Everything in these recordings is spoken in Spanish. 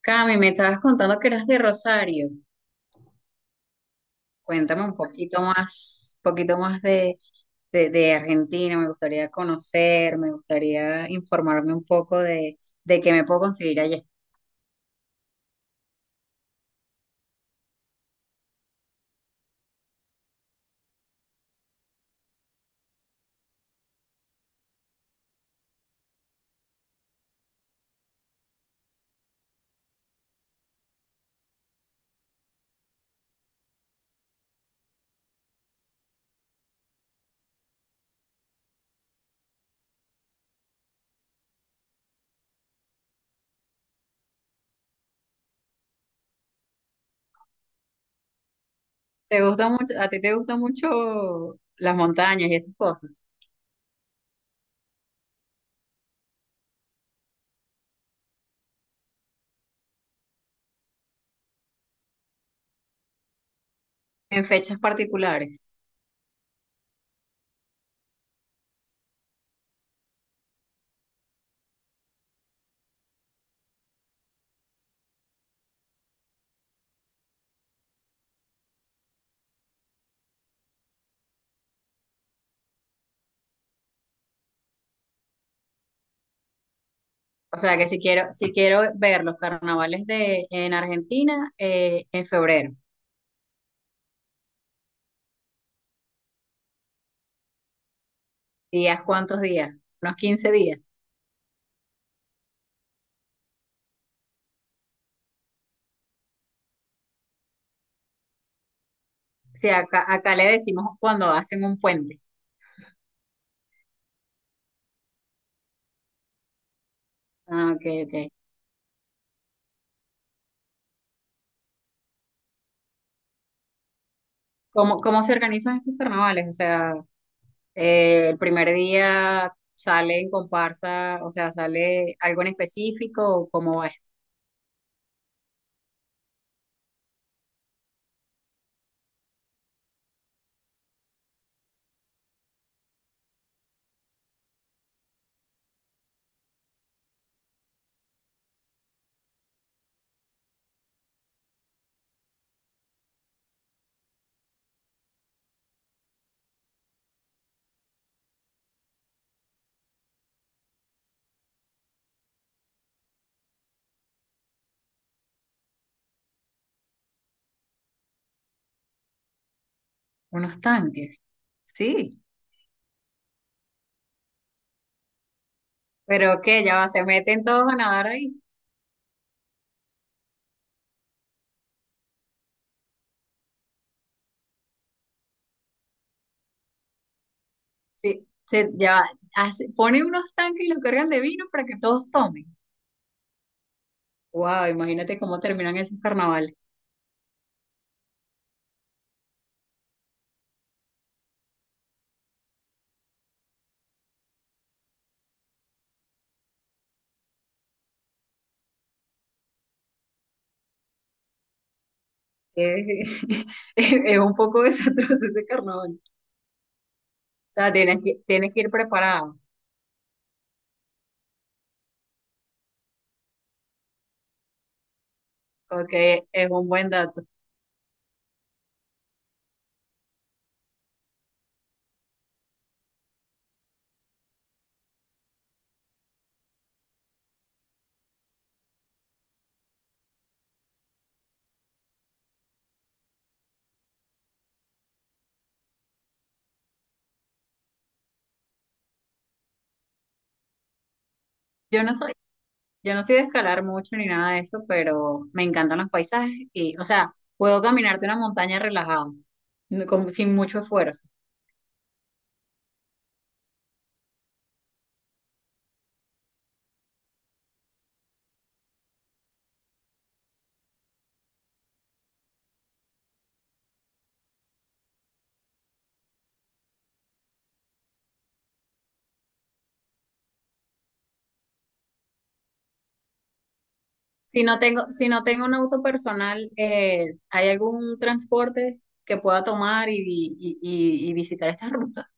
Cami, me estabas contando que eras de Rosario. Cuéntame un poquito más de Argentina. Me gustaría conocer, me gustaría informarme un poco de qué me puedo conseguir allá. ¿Te gusta mucho, a ti te gustan mucho las montañas y estas cosas? En fechas particulares. O sea que si quiero ver los carnavales en Argentina, en febrero. ¿Días, cuántos días? Unos 15 días. Sí, acá le decimos cuando hacen un puente. Ah, ok, ok. ¿Cómo se organizan estos carnavales? O sea, el primer día sale en comparsa, o sea, sale algo en específico, o ¿cómo va esto? Unos tanques. Sí, pero que ya va, se meten todos a nadar ahí. Sí, se, ya va, ponen unos tanques y los cargan de vino para que todos tomen. Wow, imagínate cómo terminan esos carnavales. Es, es un poco desastroso ese carnaval. O sea, tienes que ir preparado, porque es un buen dato. Yo no soy Yo no soy de escalar mucho ni nada de eso, pero me encantan los paisajes y, o sea, puedo caminarte una montaña relajado, sin mucho esfuerzo. Si no tengo un auto personal, ¿hay algún transporte que pueda tomar y visitar esta ruta?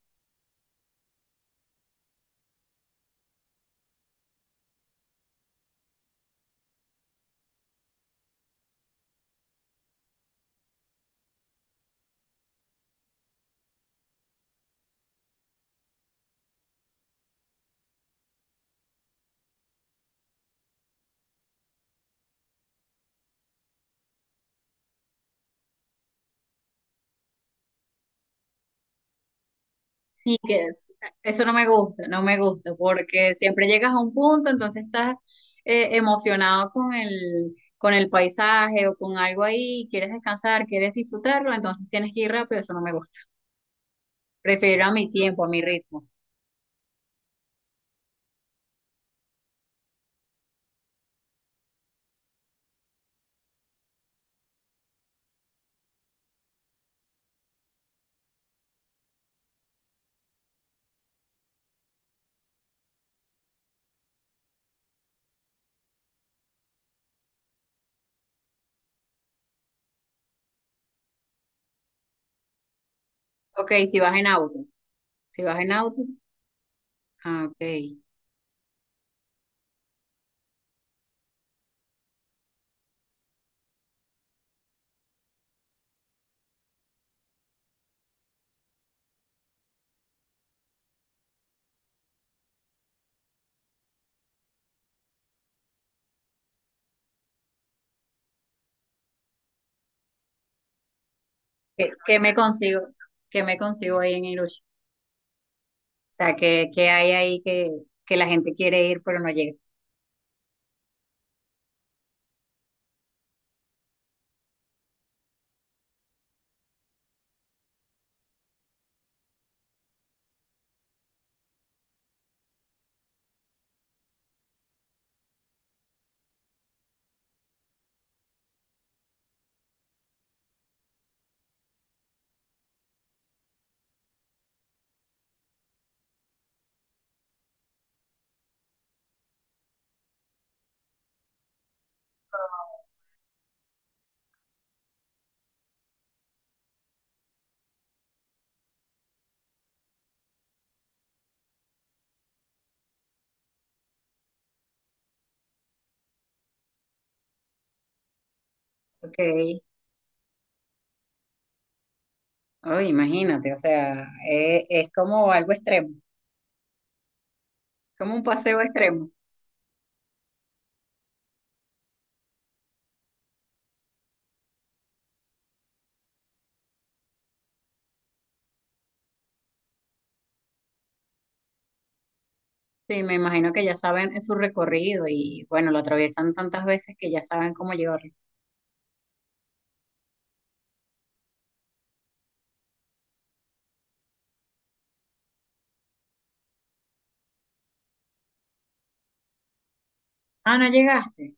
Y Que es- Eso no me gusta, no me gusta, porque siempre llegas a un punto, entonces estás emocionado con el paisaje o con algo ahí, quieres descansar, quieres disfrutarlo, entonces tienes que ir rápido, eso no me gusta. Prefiero a mi tiempo, a mi ritmo. Ok, si vas en auto. Si vas en auto, ah, ok. Qué me consigo? ¿Qué me consigo ahí en Irush? O sea, qué hay ahí que la gente quiere ir pero no llega? Ok. Oh, imagínate, o sea, es como algo extremo, como un paseo extremo. Sí, me imagino que ya saben su recorrido y bueno, lo atraviesan tantas veces que ya saben cómo llevarlo. Ah, no llegaste.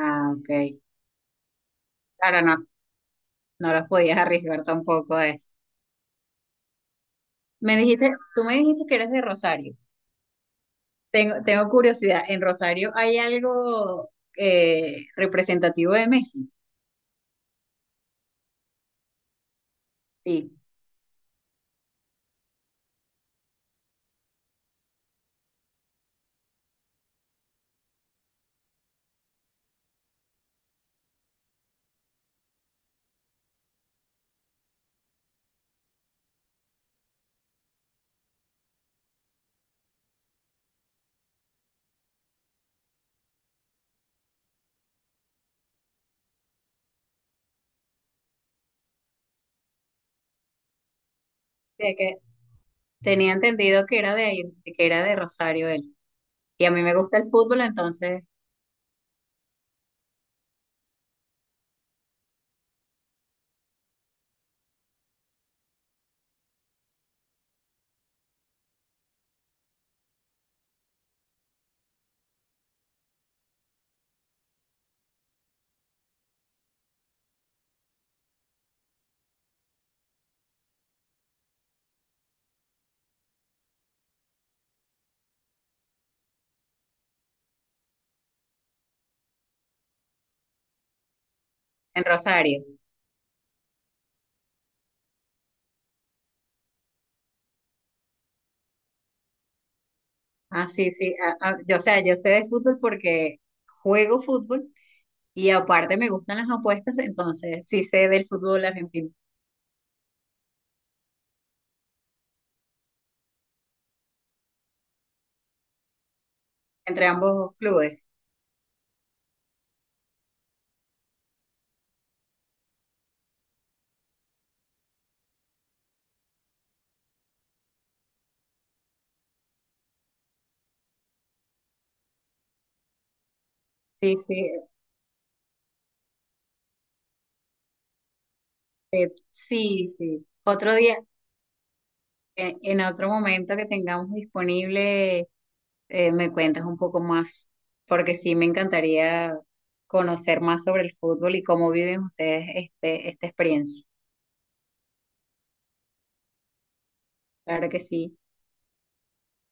Ah, ok. Claro, no, no los podías arriesgar tampoco a eso. Me dijiste, tú me dijiste que eres de Rosario. Tengo curiosidad, ¿en Rosario hay algo representativo de Messi? Sí, de que tenía entendido que era de ahí, que era de Rosario él. Y a mí me gusta el fútbol, entonces, en Rosario. Ah, sí, sí. Yo, o sea, yo sé de fútbol porque juego fútbol y aparte me gustan las apuestas, entonces sí sé del fútbol argentino, entre ambos clubes. Sí, sí, sí, sí. Otro día. En otro momento que tengamos disponible, me cuentas un poco más, porque sí me encantaría conocer más sobre el fútbol y cómo viven ustedes esta experiencia. Claro que sí.